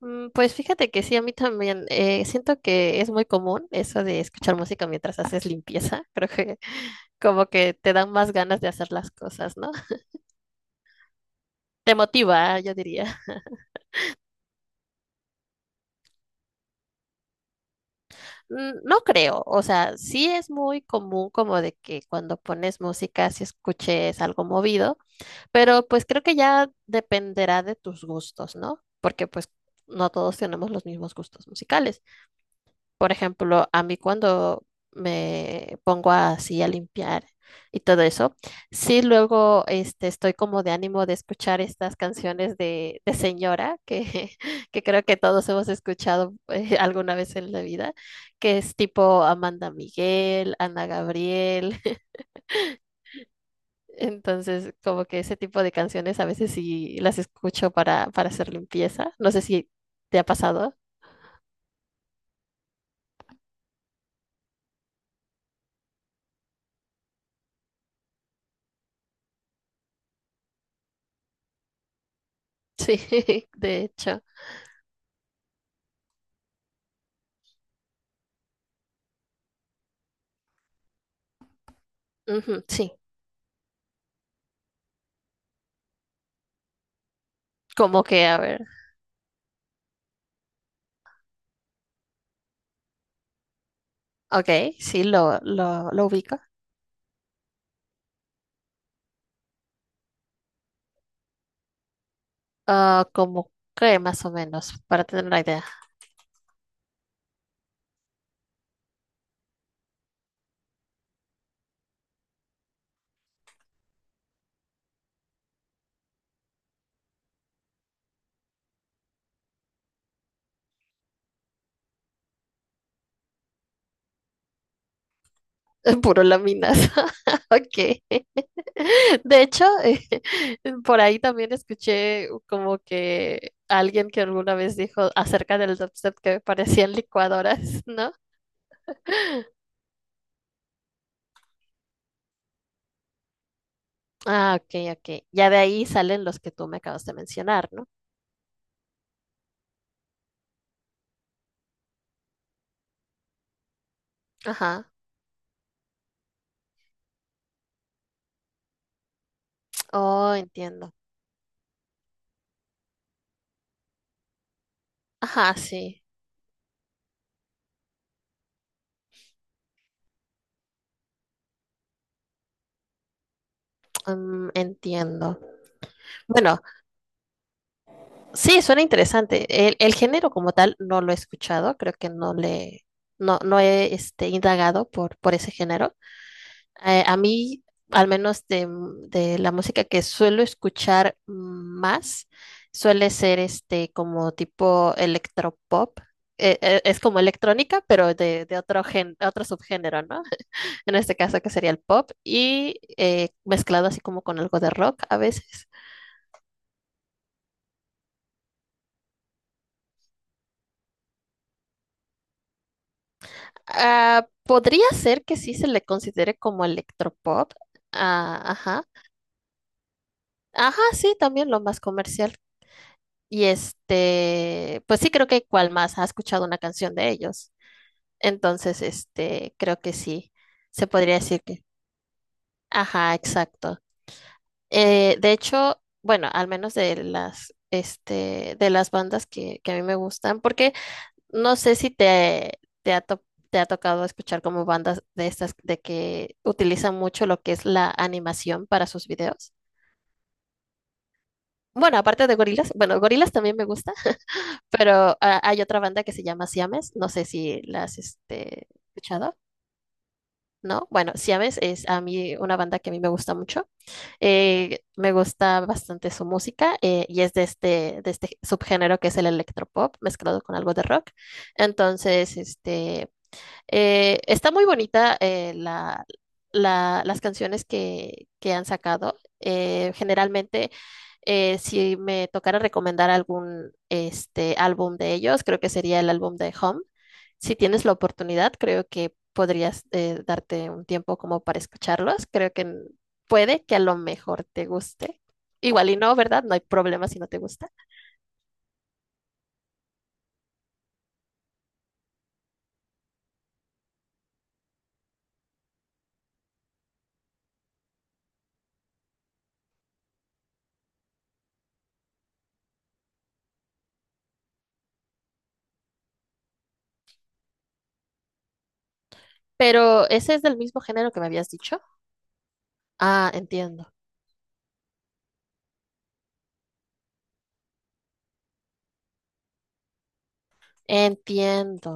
Pues fíjate que sí, a mí también. Siento que es muy común eso de escuchar música mientras haces limpieza. Creo que como que te dan más ganas de hacer las cosas, ¿no? Te motiva, yo diría. No creo, o sea, sí es muy común como de que cuando pones música, si escuches algo movido, pero pues creo que ya dependerá de tus gustos, ¿no? Porque pues no todos tenemos los mismos gustos musicales. Por ejemplo, a mí cuando me pongo así a limpiar y todo eso, sí luego estoy como de ánimo de escuchar estas canciones de señora que, que creo que todos hemos escuchado alguna vez en la vida, que es tipo Amanda Miguel, Ana Gabriel. Entonces, como que ese tipo de canciones a veces sí las escucho para hacer limpieza. No sé si te ha pasado. Sí, de hecho. Ujú, sí, como que a ver. Ok, sí, lo ubico. Ah, como que más o menos, para tener una idea. Puro láminas. Ok. De hecho, por ahí también escuché como que alguien que alguna vez dijo acerca del dubstep que parecían licuadoras, ¿no? Ah, ok, ok. Ya de ahí salen los que tú me acabas de mencionar, ¿no? Ajá. Oh, entiendo. Ajá, sí. Entiendo. Bueno, sí, suena interesante. El género como tal no lo he escuchado, creo que no, no he indagado por ese género. A mí, al menos de la música que suelo escuchar más, suele ser este como tipo electropop. Es como electrónica, pero de otro gen, otro subgénero, ¿no? En este caso que sería el pop y mezclado así como con algo de rock a veces. Ah, podría ser que sí se le considere como electropop. Ah, ajá. Ajá, sí, también lo más comercial. Y este, pues sí, creo que cual más ha escuchado una canción de ellos. Entonces, este, creo que sí, se podría decir que. Ajá, exacto. De hecho, bueno, al menos de las, este, de las bandas que a mí me gustan, porque no sé si te ha tocado escuchar como bandas de estas de que utilizan mucho lo que es la animación para sus videos. Bueno, aparte de gorilas, bueno, gorilas también me gusta, pero hay otra banda que se llama Siames, no sé si la has escuchado, ¿no? Bueno, Siames es a mí una banda que a mí me gusta mucho, me gusta bastante su música y es de de este subgénero que es el electropop mezclado con algo de rock. Entonces, este, está muy bonita la, la- las canciones que han sacado. Generalmente, si me tocara recomendar algún este, álbum de ellos, creo que sería el álbum de Home. Si tienes la oportunidad, creo que podrías darte un tiempo como para escucharlos. Creo que puede que a lo mejor te guste. Igual y no, ¿verdad? No hay problema si no te gusta. Pero ese es del mismo género que me habías dicho. Ah, entiendo. Entiendo.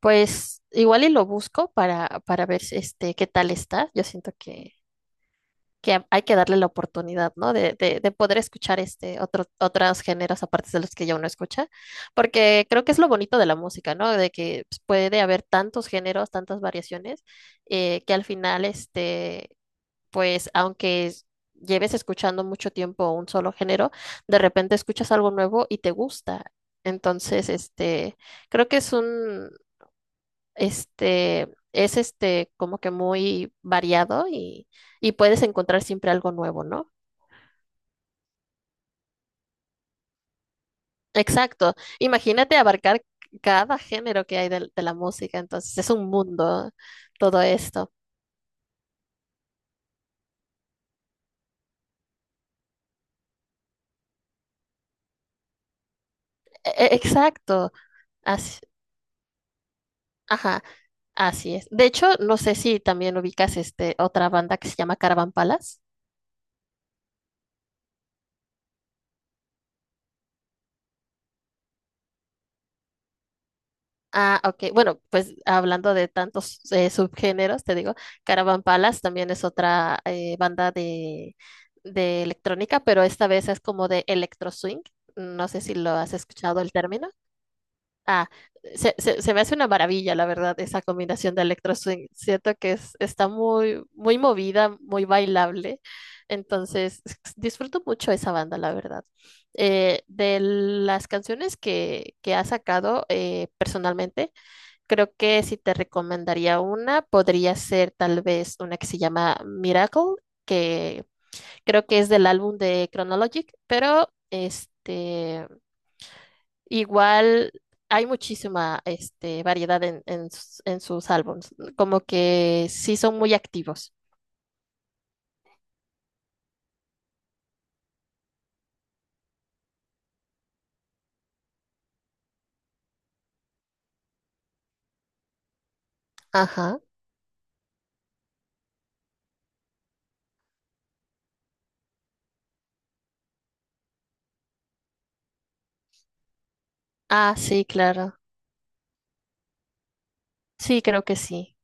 Pues igual y lo busco para ver si, este qué tal está. Yo siento que, hay que darle la oportunidad, ¿no? De poder escuchar este otro, otros géneros aparte de los que ya uno escucha. Porque creo que es lo bonito de la música, ¿no? De que pues, puede haber tantos géneros, tantas variaciones, que al final, este, pues, lleves escuchando mucho tiempo un solo género, de repente escuchas algo nuevo y te gusta. Entonces, este. Creo que es un, este, es este como que muy variado y puedes encontrar siempre algo nuevo, ¿no? Exacto. Imagínate abarcar cada género que hay de la música, entonces es un mundo todo esto. Exacto. Así, ajá, así es. De hecho, no sé si también ubicas este otra banda que se llama Caravan Palace. Ah, ok. Bueno, pues hablando de tantos subgéneros, te digo, Caravan Palace también es otra banda de electrónica, pero esta vez es como de electro swing. No sé si lo has escuchado el término. Ah, se me hace una maravilla, la verdad, esa combinación de electro swing. Siento que es, está muy movida, muy bailable. Entonces, disfruto mucho esa banda, la verdad de las canciones que ha sacado personalmente, creo que si te recomendaría una, podría ser tal vez una que se llama Miracle, que creo que es del álbum de Chronologic, pero este, igual hay muchísima este, variedad en sus álbums, como que sí son muy activos. Ajá. Ah, sí, claro. Sí, creo que sí.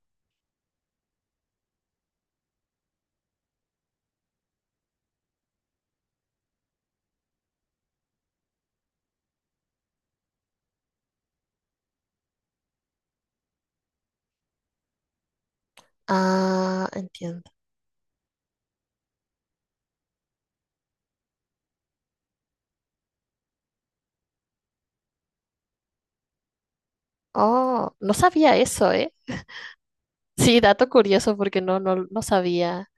Ah, entiendo. Oh, no sabía eso, ¿eh? Sí, dato curioso porque no sabía.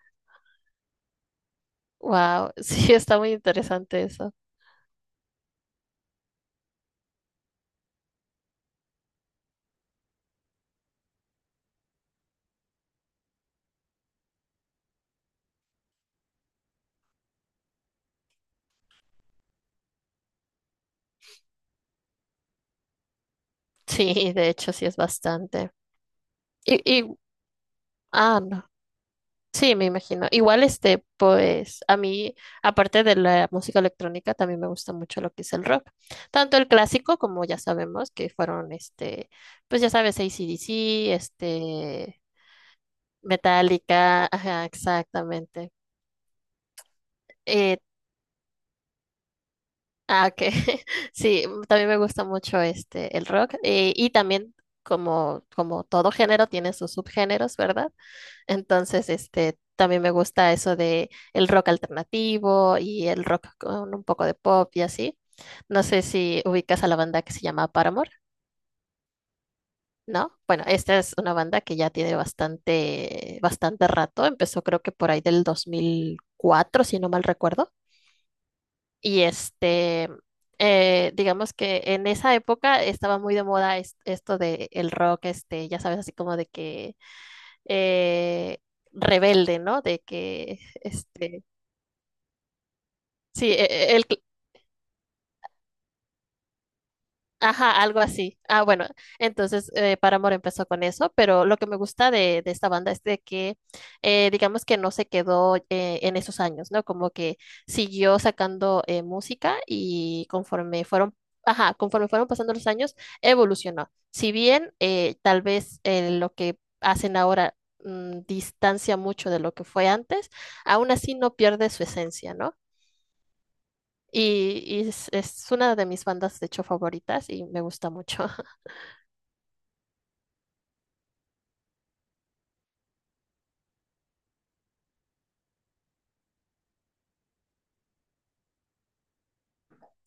Wow, sí, está muy interesante eso. Sí, de hecho, sí es bastante. Y, y, ah, no. Sí, me imagino. Igual este, pues, a mí, aparte de la música electrónica, también me gusta mucho lo que es el rock. Tanto el clásico, como ya sabemos, que fueron este, pues ya sabes, AC/DC, este, Metallica, ajá, exactamente. Ah, ok. Sí, también me gusta mucho este el rock y también como como todo género tiene sus subgéneros, ¿verdad? Entonces, este también me gusta eso de el rock alternativo y el rock con un poco de pop y así. No sé si ubicas a la banda que se llama Paramore, ¿no? Bueno, esta es una banda que ya tiene bastante bastante rato, empezó creo que por ahí del 2004, si no mal recuerdo. Y este, digamos que en esa época estaba muy de moda esto de el rock, este, ya sabes, así como de que eh, rebelde, ¿no? De que, este, sí, el, ajá, algo así. Ah, bueno, entonces Paramore empezó con eso, pero lo que me gusta de esta banda es de que, digamos que no se quedó en esos años, ¿no? Como que siguió sacando música y conforme fueron, ajá, conforme fueron pasando los años, evolucionó. Si bien tal vez lo que hacen ahora distancia mucho de lo que fue antes, aún así no pierde su esencia, ¿no? Y es una de mis bandas, de hecho, favoritas y me gusta mucho.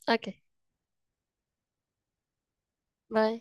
Ok, bye.